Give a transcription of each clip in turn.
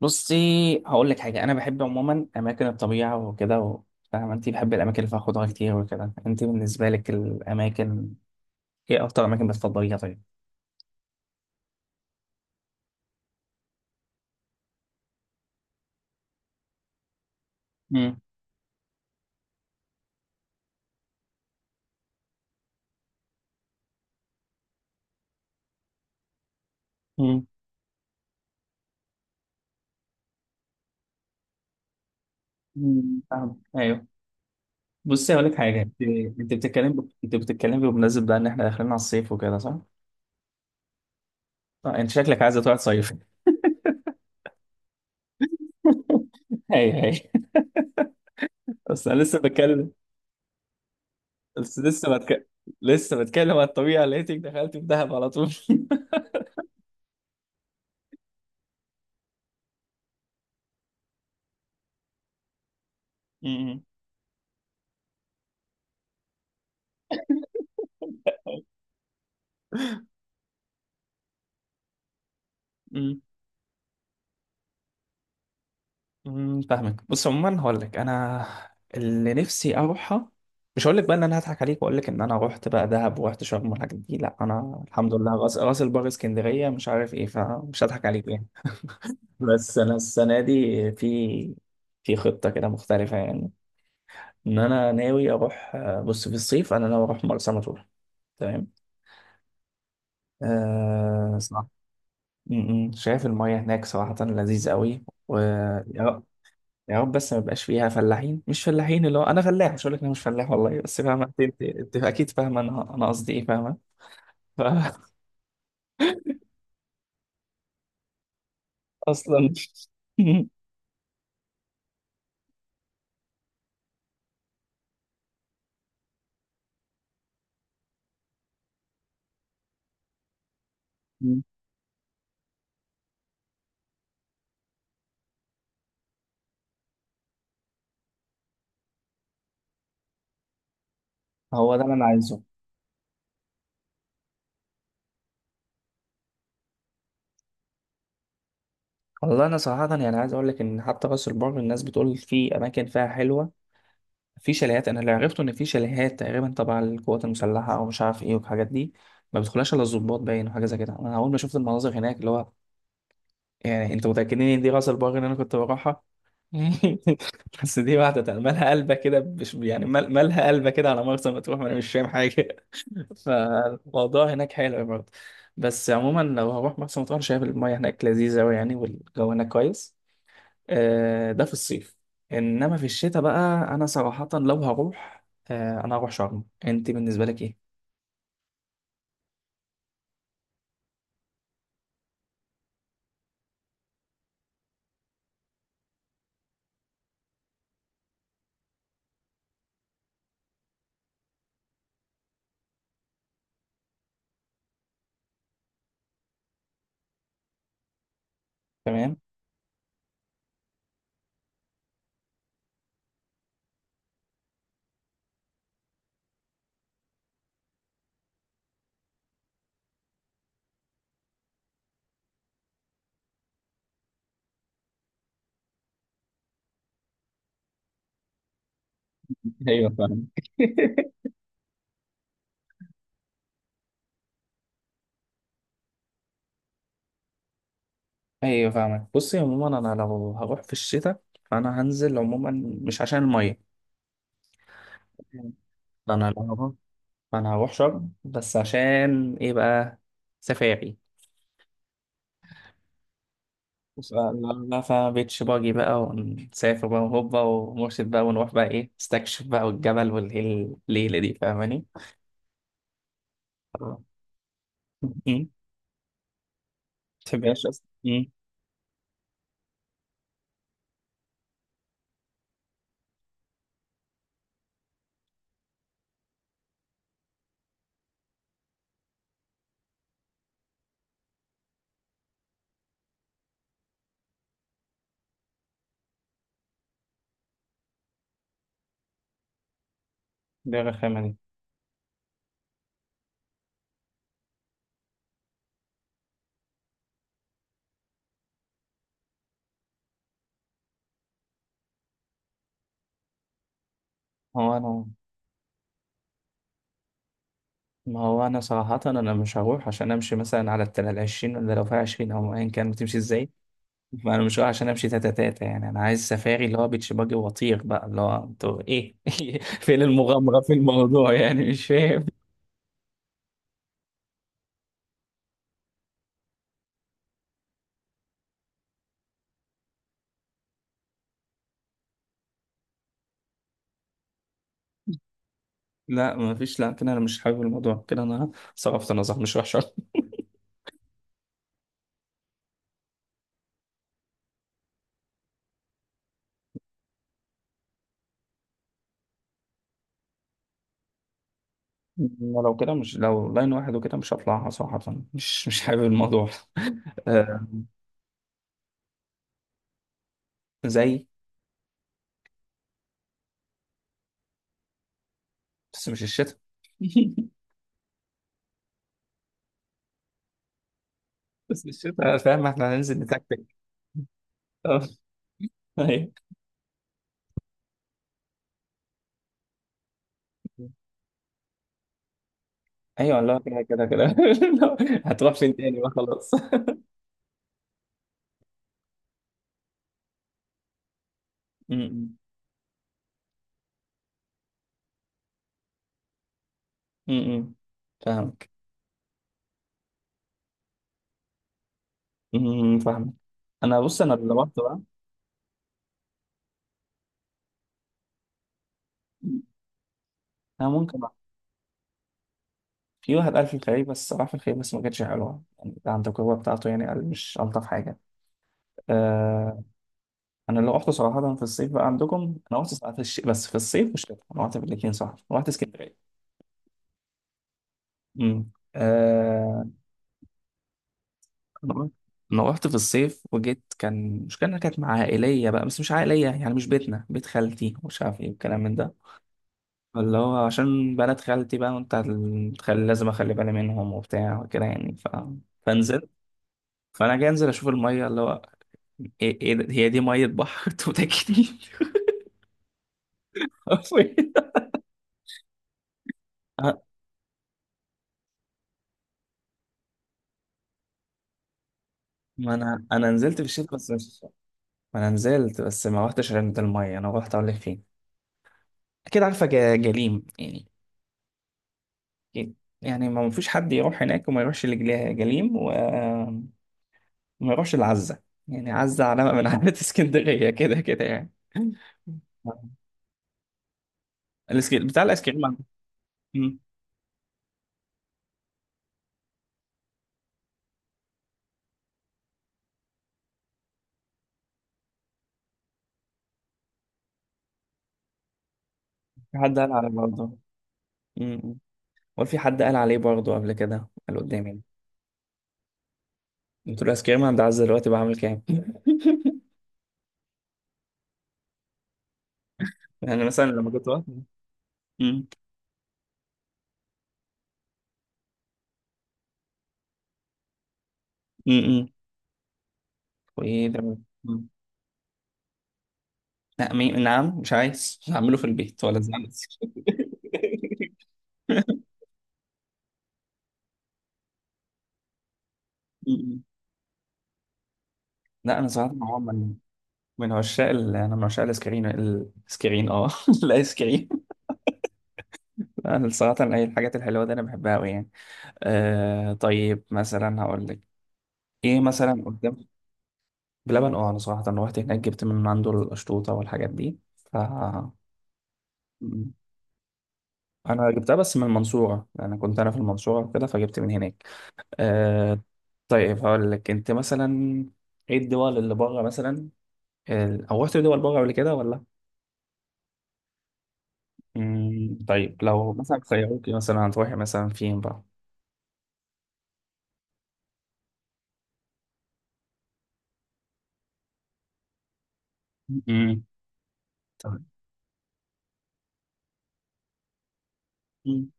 بصي، هقول لك حاجه. انا بحب عموما اماكن الطبيعه وكده فاهمه. انت بحب الاماكن اللي فيها خضره كتير وكده، انت بالنسبه لك الاماكن ايه اكتر اماكن بتفضليها؟ طيب. امم. امم. أمم، فاهم، ايوه. بصي، هقول لك حاجه. انت انت بتتكلم بمناسبه ده، ان احنا داخلين على الصيف وكده، صح؟ آه، انت شكلك عايزه تروح تصيف. ايوه، ايوه، بس انا لسه بتكلم. بس لسه بتكلم. لسه بتكلم عن الطبيعه لقيتك دخلت في دهب على طول. أمم. أمم. فاهمك. بص، عموما هقول لك انا اللي نفسي اروحها. مش هقول لك بقى ان انا هضحك عليك واقول لك ان انا رحت بقى دهب ورحت شرم والحاجات دي، لا انا الحمد لله، راس البر، اسكندريه، مش عارف ايه، فمش هضحك عليك يعني. بس انا السنه دي في في خطه كده مختلفه يعني، ان انا ناوي اروح. بص، في الصيف انا ناوي اروح مرسى مطروح. تمام. آه، صح. م- م. شايف المياه هناك صراحه لذيذ قوي و... يا رب بس ما يبقاش فيها فلاحين، مش فلاحين اللي هو انا فلاح، مش هقول لك انا مش فلاح والله، بس فاهمه انت، انت اكيد فاهمه انا قصدي ايه، فاهمه. ف- اصلا. هو ده اللي انا عايزه. والله انا صراحه يعني عايز اقول لك ان حتى راس البر الناس بتقول في اماكن فيها حلوه، في شاليهات. انا اللي عرفته ان في شاليهات تقريبا تبع القوات المسلحه او مش عارف ايه والحاجات دي، ما بتدخلهاش الا الضباط باين وحاجه زي كده. انا اول ما شفت المناظر هناك اللي هو، يعني انتوا متاكدين ان دي راس البر اللي انا كنت بروحها؟ بس دي واحدة تانية، مالها قلبة كده مش يعني مالها قلبة كده على مرسى مطروح، ما انا مش فاهم حاجة. فالموضوع هناك حلو برضه. بس عموما لو هروح مرسى مطروح أنا شايف المية هناك لذيذة أوي يعني، والجو هناك كويس. آه، ده في الصيف. انما في الشتاء بقى، انا صراحة لو هروح، انا هروح شرم. انت بالنسبة لك ايه؟ تمام. ايوه، فاهم. ايوه، فاهمك. بصي، عموما انا لو هروح في الشتاء فانا هنزل عموما، مش عشان المية. انا لو هروح، ما انا هروح شرم بس عشان ايه بقى؟ سفاري. بس بقى، لا فا بيتش باجي بقى، ونسافر بقى وهوبا ومرشد بقى، ونروح بقى ايه، نستكشف بقى، والجبل والليل الليلة دي، فاهماني؟ آه. ما تحبهاش اصلا؟ دي الرخامة دي. هو انا ما هو انا صراحة انا مش هروح عشان امشي مثلا على العشرين، ولا لو فيها عشرين او ايا كان بتمشي ازاي. فانا مش رايح عشان امشي تاتا تاتا يعني، انا عايز سفاري اللي هو بيتش باجي وطير بقى، اللي هو انتوا ايه، فين المغامره في الموضوع يعني، مش فاهم. لا، ما فيش، لا كده انا مش حابب الموضوع كده، انا صرفت نظر، مش وحشه. أنا لو كده، مش لو لاين واحد وكده مش هطلعها صراحه، مش حابب الموضوع. آه، زي. بس مش الشتاء. بس الشتاء فاهم، احنا هننزل نتكتك. آه، ايوه، ايوه. لا كده كده كده. هتروح فين تاني بقى خلاص؟ م- م- م- م. فاهمك. فاهمك. انا بص، انا اللي رحت بقى. انا ممكن بقى. في واحد قال في الخليج، بس راح في الخليج بس ما كانتش حلوه يعني عن التجربه بتاعته يعني، قال مش الطف حاجه. آه. انا اللي رحت صراحه في الصيف بقى عندكم، انا رحت في بس في الصيف والشتاء، انا رحت في الاثنين، صح، رحت اسكندريه. آه. انا رحت أنا رحت في الصيف وجيت، كان مش كان كانت مع عائليه بقى، بس مش عائليه يعني مش بيتنا، بيت خالتي ومش عارف ايه والكلام من ده، اللي هو عشان بنات خالتي بقى، وانت هتخلي لازم اخلي بالي منهم وبتاع وكده يعني. فنزلت. فانا جاي انزل اشوف الميه اللي هو، إيه ده؟ هي دي ميه بحر انتوا متاكدين؟ حرفياً. أه، ما انا نزلت في الشتاء بس مش... ما انا نزلت بس ما رحتش عند الميه، انا رحت اقول لك فين. اكيد عارفه، جليم يعني. أكيد. يعني ما فيش حد يروح هناك وما يروحش لجليم جليم وما يروحش لعزه. يعني عزه علامه من علامات اسكندريه كده كده يعني. الاسكيل بتاع الايس كريم مم. في حد قال عليه برضه. مم. هو في حد قال عليه برضه قبل كده، قال قدامي. قلت له الايس كريم عند عز دلوقتي بعمل كام؟ يعني مثلا لما كنت واقف. مم. مم. مم. وايه ده؟ مم. لا نعم، مش عايز هعمله في البيت ولا زعل. مم. لا، انا صراحه هو من انا من عشاق الايس كريم، الايس كريم، الايس كريم. لا، انا صراحه اي الحاجات الحلوه دي انا بحبها قوي يعني. آه، طيب مثلا هقول لك ايه مثلا قدام. بلبن، انا صراحة روحت هناك جبت من عنده القشطوطة والحاجات دي، ف... م. انا جبتها بس من المنصورة، انا كنت انا في المنصورة كده فجبت من هناك. آه. طيب هقول لك انت مثلا ايه الدول اللي بره مثلا، او رحت دول بره قبل كده ولا؟ مم. طيب، لو مثلا خيروكي مثلا هتروحي مثلا فين بقى؟ مم. طيب. مم.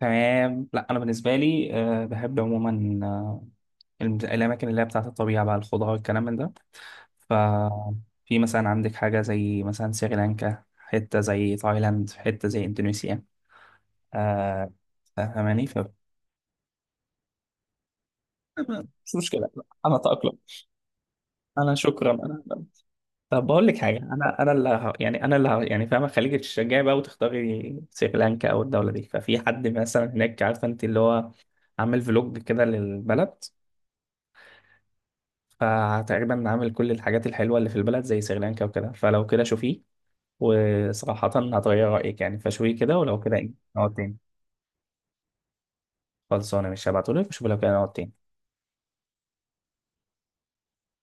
تمام. لا انا بالنسبة لي بحب عموما، الأماكن اللي هي بتاعة الطبيعة بقى، الخضار والكلام من ده. ففي مثلا عندك حاجة زي مثلا سريلانكا، حتة زي تايلاند، حتة زي إندونيسيا. آه. فاهماني؟ ف... مش مشكلة، أنا أتأقلم. أنا شكرا، أنا... طب بقول لك حاجة، أنا اللي يعني، أنا اللي يعني فاهمة، خليك تشجعي بقى وتختاري سريلانكا أو الدولة دي. ففي حد مثلا هناك، عارفة أنت اللي هو عامل فلوج كده للبلد، فتقريبا عامل كل الحاجات الحلوة اللي في البلد زي سريلانكا وكده. فلو كده شوفيه، وصراحة هتغير رأيك يعني، فشوي كده ولو كده ايه. نقعد تاني. خلصانة، مش هبعتهولك وشوف لو كده نقعد تاني.